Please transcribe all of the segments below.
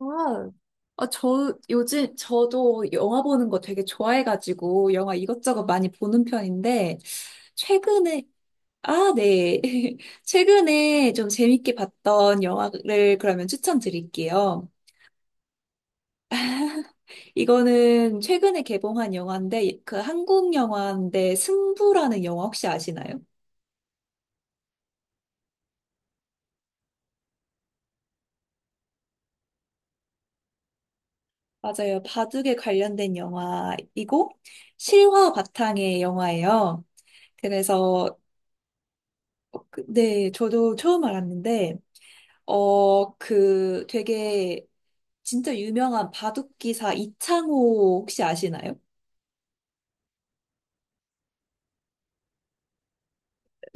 아, 저 요즘 저도 영화 보는 거 되게 좋아해가지고 영화 이것저것 많이 보는 편인데 최근에 아, 네. 최근에 좀 재밌게 봤던 영화를 그러면 추천드릴게요. 이거는 최근에 개봉한 영화인데 그 한국 영화인데 승부라는 영화 혹시 아시나요? 맞아요. 바둑에 관련된 영화이고 실화 바탕의 영화예요. 그래서 그, 네, 저도 처음 알았는데 그 되게 진짜 유명한 바둑 기사 이창호 혹시 아시나요?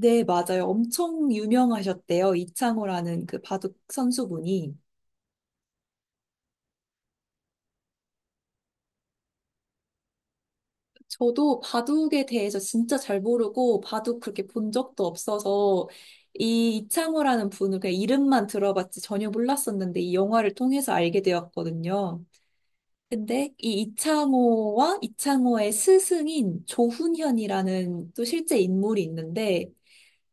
네, 맞아요. 엄청 유명하셨대요. 이창호라는 그 바둑 선수분이. 저도 바둑에 대해서 진짜 잘 모르고 바둑 그렇게 본 적도 없어서 이 이창호라는 분을 그냥 이름만 들어봤지 전혀 몰랐었는데 이 영화를 통해서 알게 되었거든요. 근데 이 이창호와 이창호의 스승인 조훈현이라는 또 실제 인물이 있는데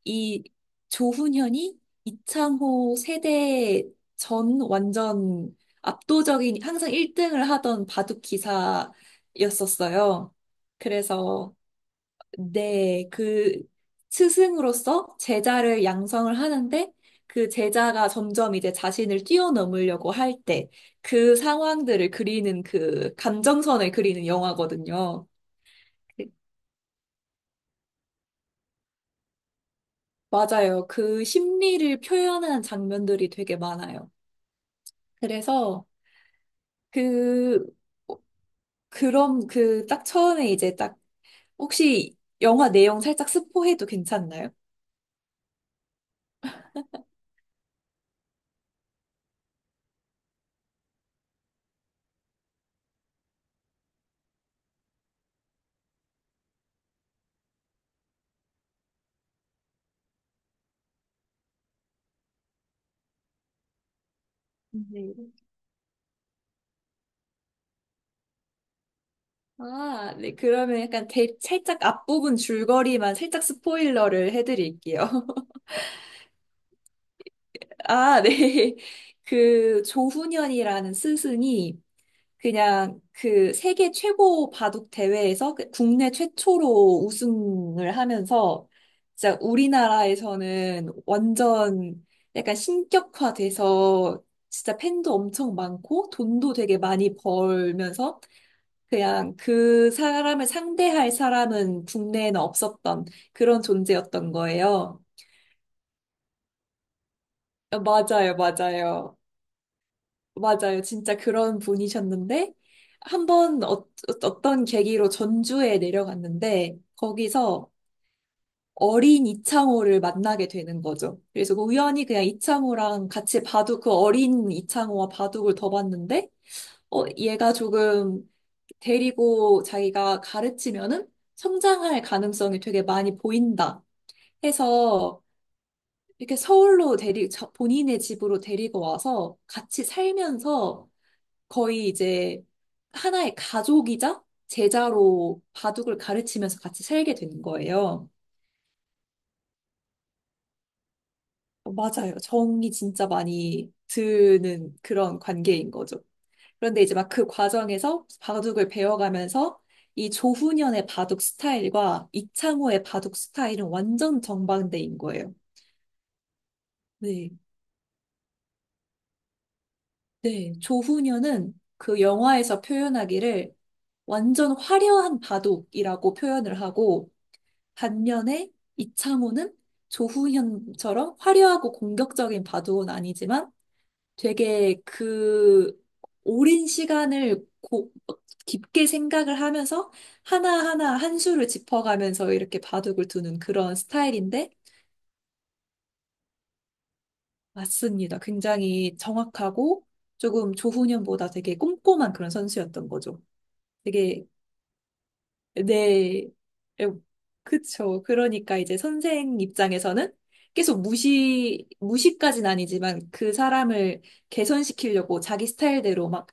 이 조훈현이 이창호 세대 전 완전 압도적인 항상 1등을 하던 바둑 기사였었어요. 그래서 네, 그 스승으로서 제자를 양성을 하는데 그 제자가 점점 이제 자신을 뛰어넘으려고 할 때 그 상황들을 그리는 그 감정선을 그리는 영화거든요. 맞아요. 그 심리를 표현한 장면들이 되게 많아요. 그래서 그 그럼 그 딱 처음에 이제 딱 혹시 영화 내용 살짝 스포해도 괜찮나요? 네. 아, 네. 그러면 약간 대, 살짝 앞부분 줄거리만 살짝 스포일러를 해드릴게요. 아, 네. 그 조훈현이라는 스승이 그냥 그 세계 최고 바둑 대회에서 그 국내 최초로 우승을 하면서 진짜 우리나라에서는 완전 약간 신격화돼서 진짜 팬도 엄청 많고 돈도 되게 많이 벌면서 그냥 그 사람을 상대할 사람은 국내에는 없었던 그런 존재였던 거예요. 맞아요, 맞아요. 맞아요. 진짜 그런 분이셨는데, 한 번 떤 계기로 전주에 내려갔는데, 거기서 어린 이창호를 만나게 되는 거죠. 그래서 그 우연히 그냥 이창호랑 같이 바둑, 그 어린 이창호와 바둑을 더 봤는데, 얘가 조금 데리고 자기가 가르치면은 성장할 가능성이 되게 많이 보인다 해서 이렇게 서울로 데리, 자- 본인의 집으로 데리고 와서 같이 살면서 거의 이제 하나의 가족이자 제자로 바둑을 가르치면서 같이 살게 되는 거예요. 맞아요. 정이 진짜 많이 드는 그런 관계인 거죠. 그런데 이제 막 그 과정에서 바둑을 배워가면서 이 조훈현의 바둑 스타일과 이창호의 바둑 스타일은 완전 정반대인 거예요. 네. 네. 조훈현은 그 영화에서 표현하기를 완전 화려한 바둑이라고 표현을 하고 반면에 이창호는 조훈현처럼 화려하고 공격적인 바둑은 아니지만 되게 그 오랜 시간을 고- 깊게 생각을 하면서 하나하나 한 수를 짚어가면서 이렇게 바둑을 두는 그런 스타일인데 맞습니다. 굉장히 정확하고 조금 조훈현보다 되게 꼼꼼한 그런 선수였던 거죠. 되게 네. 에, 그쵸. 그러니까 이제 선생 입장에서는 계속 무시까진 아니지만 그 사람을 개선시키려고 자기 스타일대로 막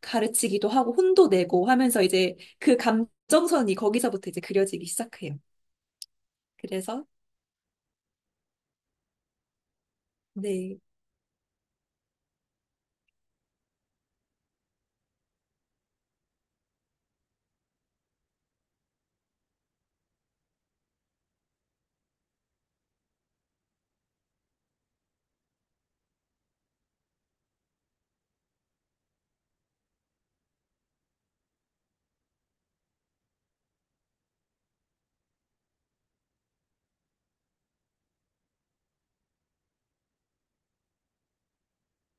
가르치기도 하고 혼도 내고 하면서 이제 그 감정선이 거기서부터 이제 그려지기 시작해요. 그래서, 네.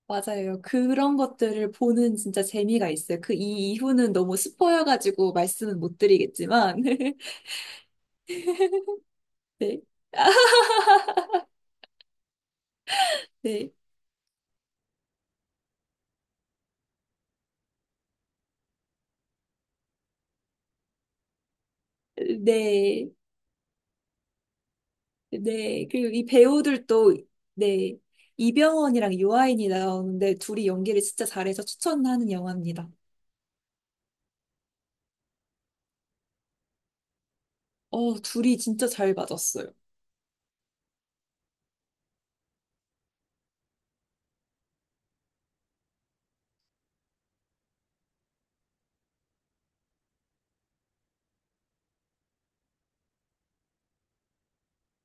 맞아요. 그런 것들을 보는 진짜 재미가 있어요. 그 이 이후는 너무 스포여가지고 말씀은 못 드리겠지만. 네. 네. 네. 네, 그리고 이 배우들도, 네, 이병헌이랑 유아인이 나오는데 둘이 연기를 진짜 잘해서 추천하는 영화입니다. 둘이 진짜 잘 맞았어요.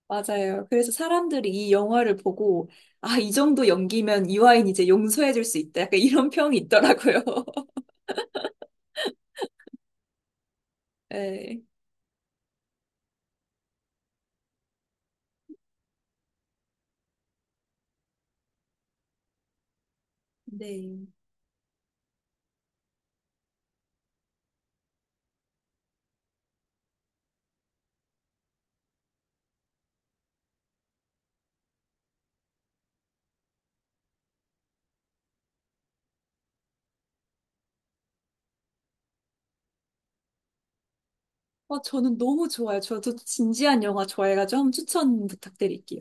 맞아요. 그래서 사람들이 이 영화를 보고, 아, 이 정도 연기면 유아인 이제 용서해줄 수 있다. 약간 이런 평이 있더라고요. 네. 네. 저는 너무 좋아요. 저도 진지한 영화 좋아해가지고 한번 추천 부탁드릴게요.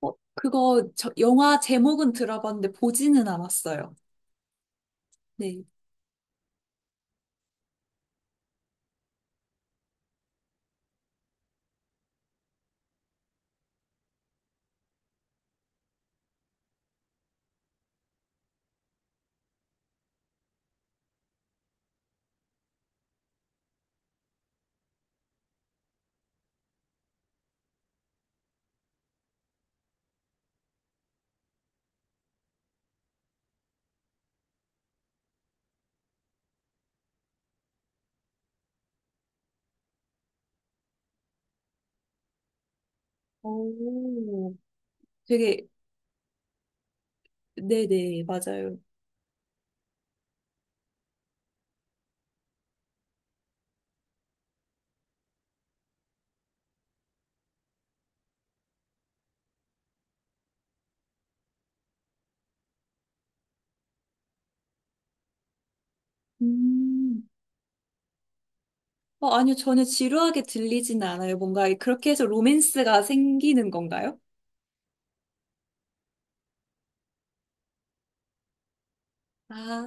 어, 그거, 저, 영화 제목은 들어봤는데 보지는 않았어요. 네. 오. 되게, 네네, 맞아요. 음. 아니요, 전혀 지루하게 들리진 않아요. 뭔가 그렇게 해서 로맨스가 생기는 건가요? 아,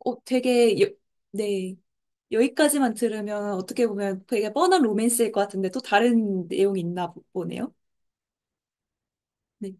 되게, 여, 네. 여기까지만 들으면 어떻게 보면 되게 뻔한 로맨스일 것 같은데 또 다른 내용이 있나 보- 보네요. 네.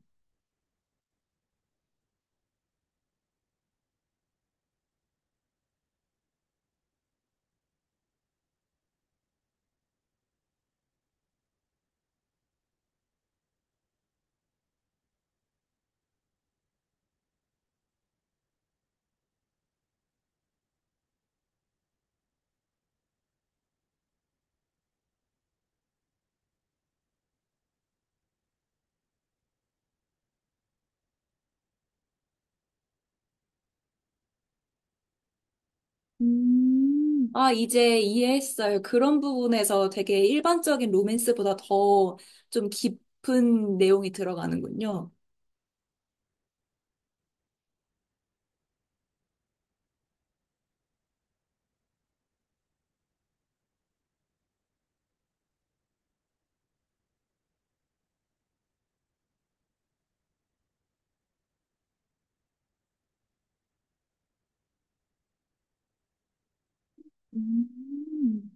음. 아, 이제 이해했어요. 그런 부분에서 되게 일반적인 로맨스보다 더 좀 깊은 내용이 들어가는군요. 음.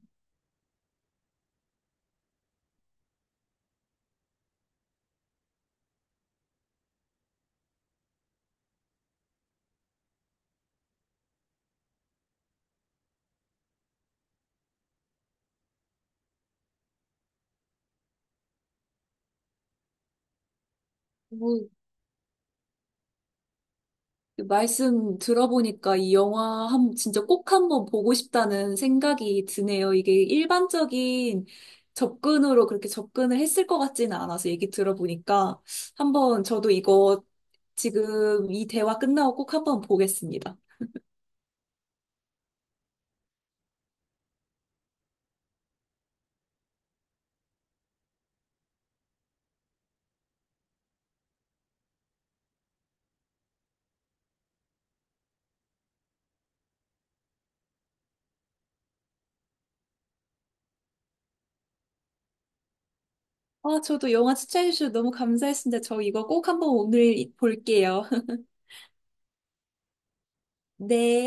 말씀 들어보니까 이 영화 한, 진짜 꼭 한번 보고 싶다는 생각이 드네요. 이게 일반적인 접근으로 그렇게 접근을 했을 것 같지는 않아서 얘기 들어보니까 한번 저도 이거 지금 이 대화 끝나고 꼭 한번 보겠습니다. 아, 저도 영화 추천해주셔서 너무 감사했습니다. 저 이거 꼭 한번 오늘 볼게요. 네.